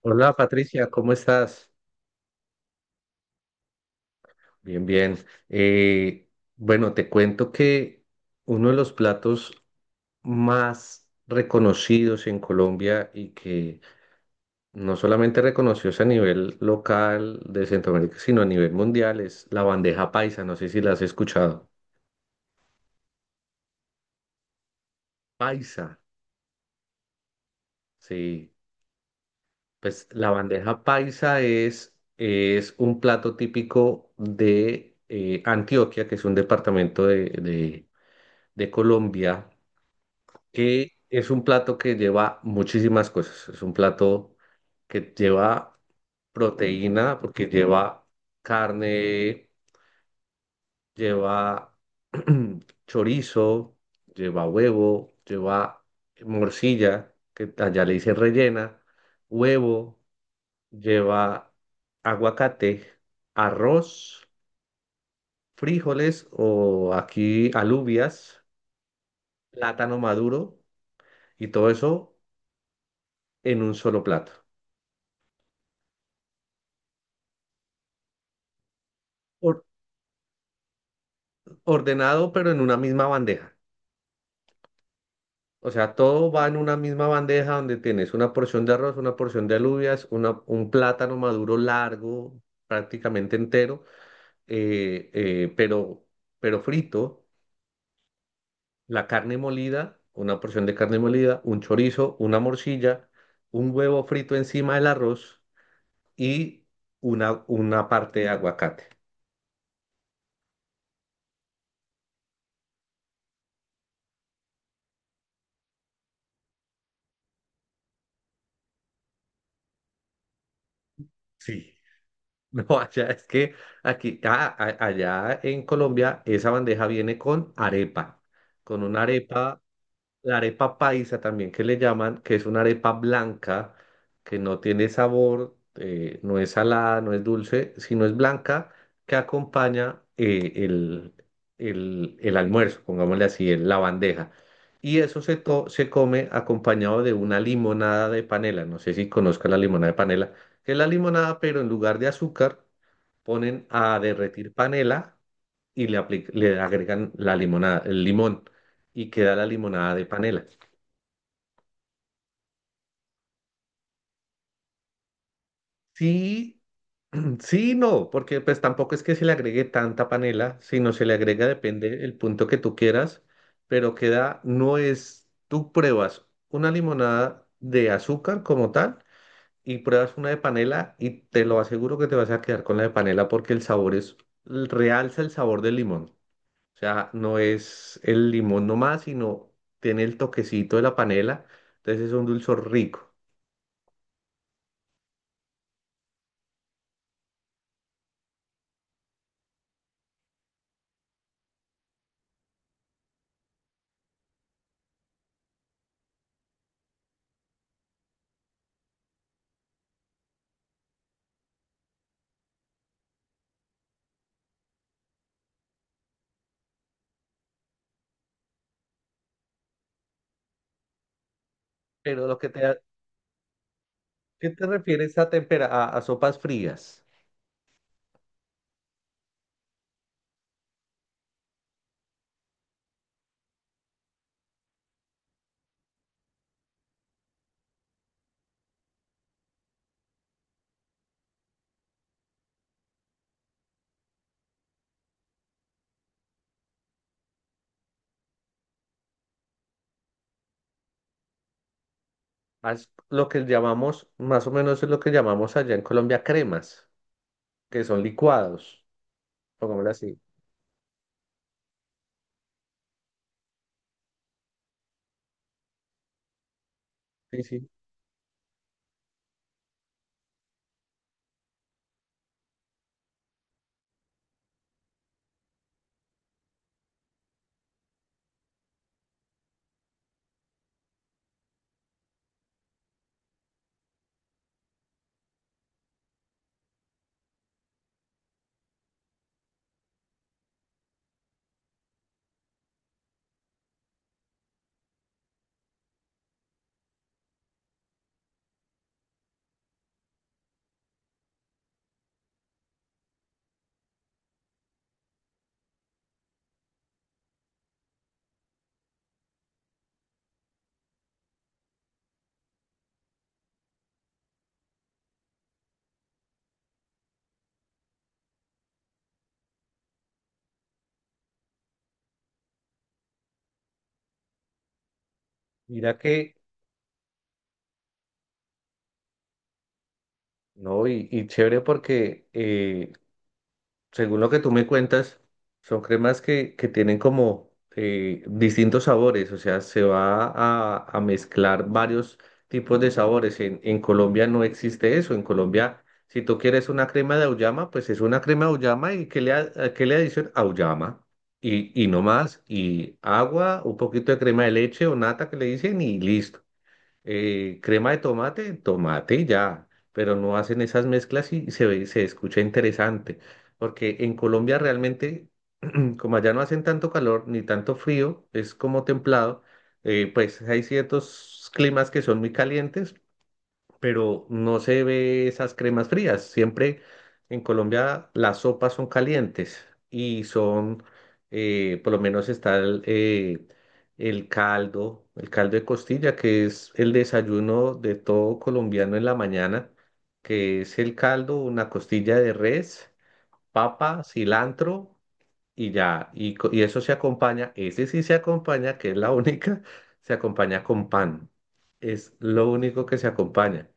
Hola Patricia, ¿cómo estás? Bien, bien. Eh, bueno, te cuento que uno de los platos más reconocidos en Colombia y que no solamente reconocidos a nivel local de Centroamérica, sino a nivel mundial es la bandeja paisa. No sé si la has escuchado. Paisa, sí. Pues la bandeja paisa es un plato típico de Antioquia, que es un departamento de de Colombia, que es un plato que lleva muchísimas cosas. Es un plato que lleva proteína, porque lleva carne, lleva chorizo, lleva huevo, lleva morcilla, que allá le dicen rellena, huevo, lleva aguacate, arroz, frijoles o aquí alubias, plátano maduro y todo eso en un solo plato. Ordenado, pero en una misma bandeja. O sea, todo va en una misma bandeja donde tienes una porción de arroz, una porción de alubias, una, un plátano maduro largo, prácticamente entero, eh, eh, pero, pero frito, la carne molida, una porción de carne molida, un chorizo, una morcilla, un huevo frito encima del arroz y una parte de aguacate. Sí. No, allá es que allá en Colombia, esa bandeja viene con arepa, con una arepa, la arepa paisa también que le llaman, que es una arepa blanca, que no tiene sabor, no es salada, no es dulce, sino es blanca, que acompaña el almuerzo, pongámosle así, la bandeja. Y eso se come acompañado de una limonada de panela, no sé si conozca la limonada de panela, que es la limonada, pero en lugar de azúcar ponen a derretir panela y le agregan la limonada, el limón y queda la limonada de panela. Sí, sí, y no, porque pues tampoco es que se le agregue tanta panela, sino se le agrega, depende el punto que tú quieras, pero queda, no es, tú pruebas una limonada de azúcar como tal y pruebas una de panela y te lo aseguro que te vas a quedar con la de panela porque el sabor es, realza el sabor del limón. O sea, no es el limón nomás, sino tiene el toquecito de la panela. Entonces es un dulzor rico. Pero lo que te, ha- ¿Qué te refieres a, a sopas frías? Haz lo que llamamos, más o menos es lo que llamamos allá en Colombia cremas, que son licuados, pongámoslo así. Sí, sí. Mira que, no, y chévere porque según lo que tú me cuentas, son cremas que tienen como distintos sabores, o sea, se va a mezclar varios tipos de sabores. En Colombia no existe eso. En Colombia, si tú quieres una crema de auyama, pues es una crema de auyama y, ¿qué le adicionan? Auyama. Y no más, y agua, un poquito de crema de leche o nata que le dicen y listo, crema de tomate, tomate ya, pero no hacen esas mezclas y se ve, se escucha interesante, porque en Colombia realmente, como allá no hacen tanto calor ni tanto frío, es como templado, pues hay ciertos climas que son muy calientes, pero no se ve esas cremas frías. Siempre en Colombia las sopas son calientes y son, por lo menos está el caldo de costilla, que es el desayuno de todo colombiano en la mañana, que es el caldo, una costilla de res, papa, cilantro y ya, y eso se acompaña, ese sí se acompaña, que es la única, se acompaña con pan. Es lo único que se acompaña,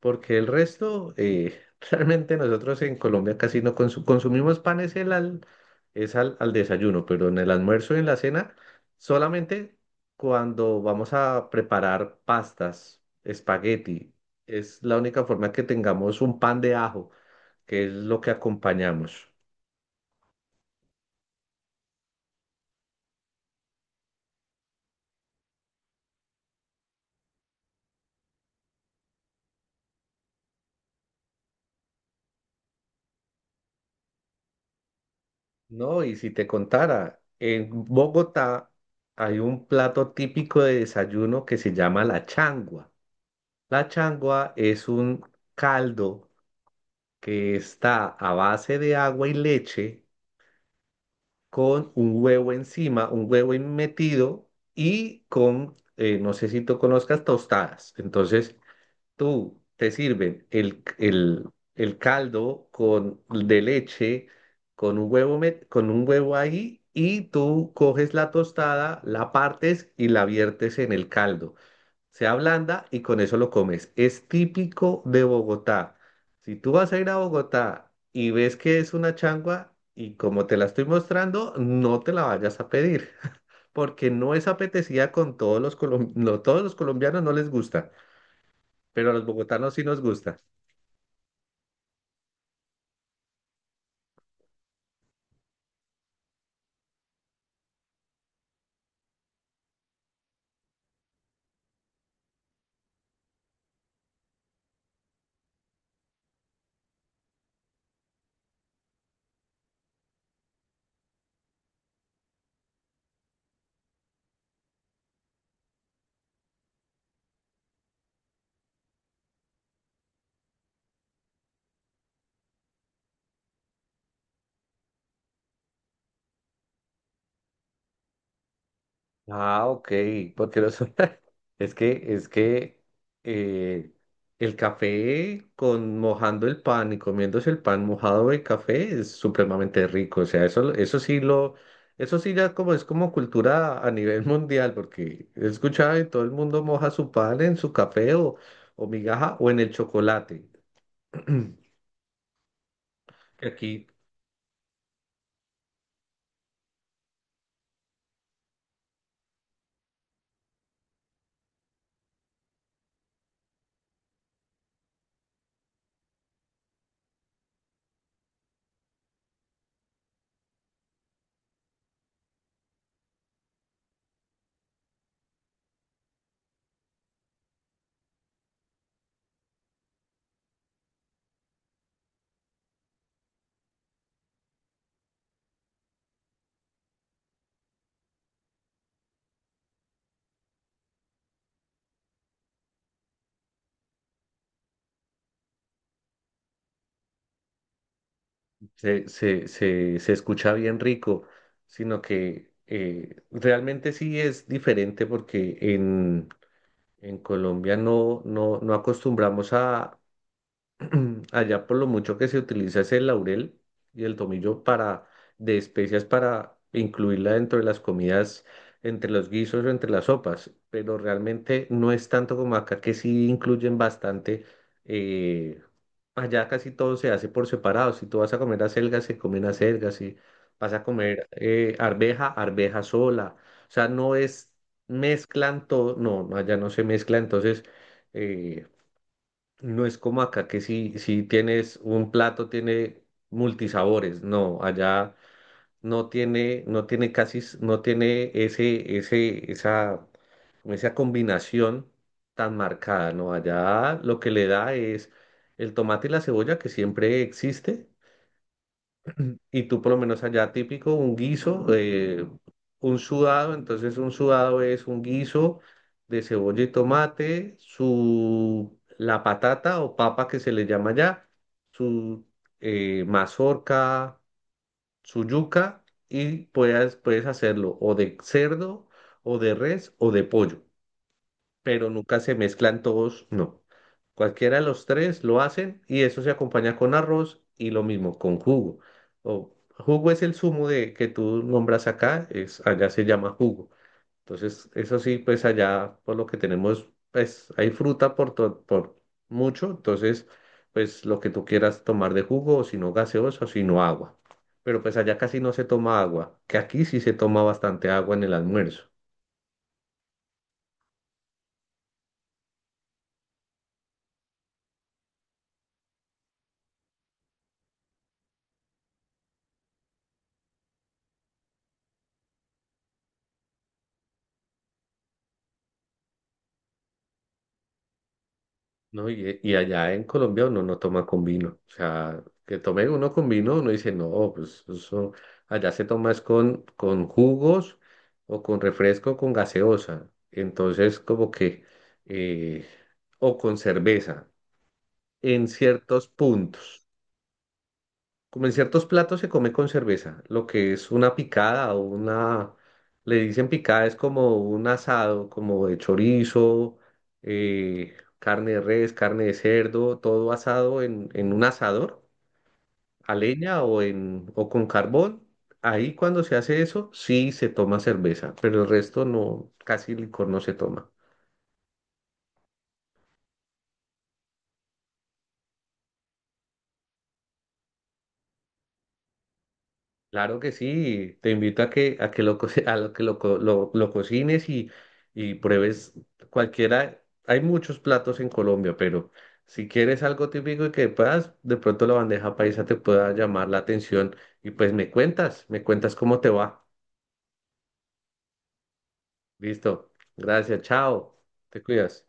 porque el resto, realmente nosotros en Colombia casi no consumimos pan, es al, al desayuno, pero en el almuerzo y en la cena, solamente cuando vamos a preparar pastas, espagueti, es la única forma que tengamos un pan de ajo, que es lo que acompañamos. No, y si te contara, en Bogotá hay un plato típico de desayuno que se llama la changua. La changua es un caldo que está a base de agua y leche con un huevo encima, un huevo metido y con, no sé si tú conozcas, tostadas. Entonces, tú te sirven el caldo con, de leche con un huevo, con un huevo ahí y tú coges la tostada, la partes y la viertes en el caldo. Se ablanda y con eso lo comes. Es típico de Bogotá. Si tú vas a ir a Bogotá y ves que es una changua y como te la estoy mostrando, no te la vayas a pedir porque no es apetecida con todos los colombianos no les gusta. Pero a los bogotanos sí nos gusta. Ah, ok, porque los... Es que eh, el café con mojando el pan y comiéndose el pan mojado de café es supremamente rico. O sea, eso sí lo, eso sí ya como es como cultura a nivel mundial, porque he escuchado que todo el mundo moja su pan en su café o migaja o en el chocolate. Que aquí se escucha bien rico, sino que realmente sí es diferente porque en Colombia no, no, no acostumbramos a, allá por lo mucho que se utiliza es el laurel y el tomillo para, de especias para incluirla dentro de las comidas, entre los guisos o entre las sopas, pero realmente no es tanto como acá que sí incluyen bastante. eh, Allá casi todo se hace por separado. Si tú vas a comer acelgas, se comen acelgas. Si vas a comer arveja, arveja sola. O sea, no es mezclan todo. No, no, allá no se mezcla. Entonces, eh, no es como acá que si, si tienes un plato, tiene multisabores. No, allá no tiene, no tiene casi, no tiene ese, ese, esa con esa combinación tan marcada, ¿no? Allá lo que le da es el tomate y la cebolla que siempre existe, y tú por lo menos allá típico, un guiso, un sudado, entonces un sudado es un guiso de cebolla y tomate, su, la patata o papa que se le llama allá, su mazorca, su yuca, y puedes, puedes hacerlo o de cerdo, o de res, o de pollo, pero nunca se mezclan todos, no. Cualquiera de los tres lo hacen y eso se acompaña con arroz y lo mismo con jugo. O jugo es el zumo de que tú nombras acá, es allá se llama jugo. Entonces, eso sí, pues allá por lo que tenemos, pues hay fruta por mucho, entonces pues lo que tú quieras tomar de jugo, o si no gaseosa, o si no agua. Pero pues allá casi no se toma agua, que aquí sí se toma bastante agua en el almuerzo. No, y allá en Colombia uno no toma con vino. O sea, que tome uno con vino, uno dice, no, pues eso allá se toma es con jugos o con refresco, con gaseosa. Entonces, como que, eh, o con cerveza, en ciertos puntos. Como en ciertos platos se come con cerveza, lo que es una picada o una, le dicen picada, es como un asado, como de chorizo, carne de res, carne de cerdo, todo asado en un asador, a leña o, en, o con carbón. Ahí cuando se hace eso, sí se toma cerveza, pero el resto no, casi licor no se toma. Claro que sí, te invito a que, a lo que lo cocines y pruebes cualquiera. Hay muchos platos en Colombia, pero si quieres algo típico y que puedas, de pronto la bandeja paisa te pueda llamar la atención y pues me cuentas cómo te va. Listo, gracias, chao, te cuidas.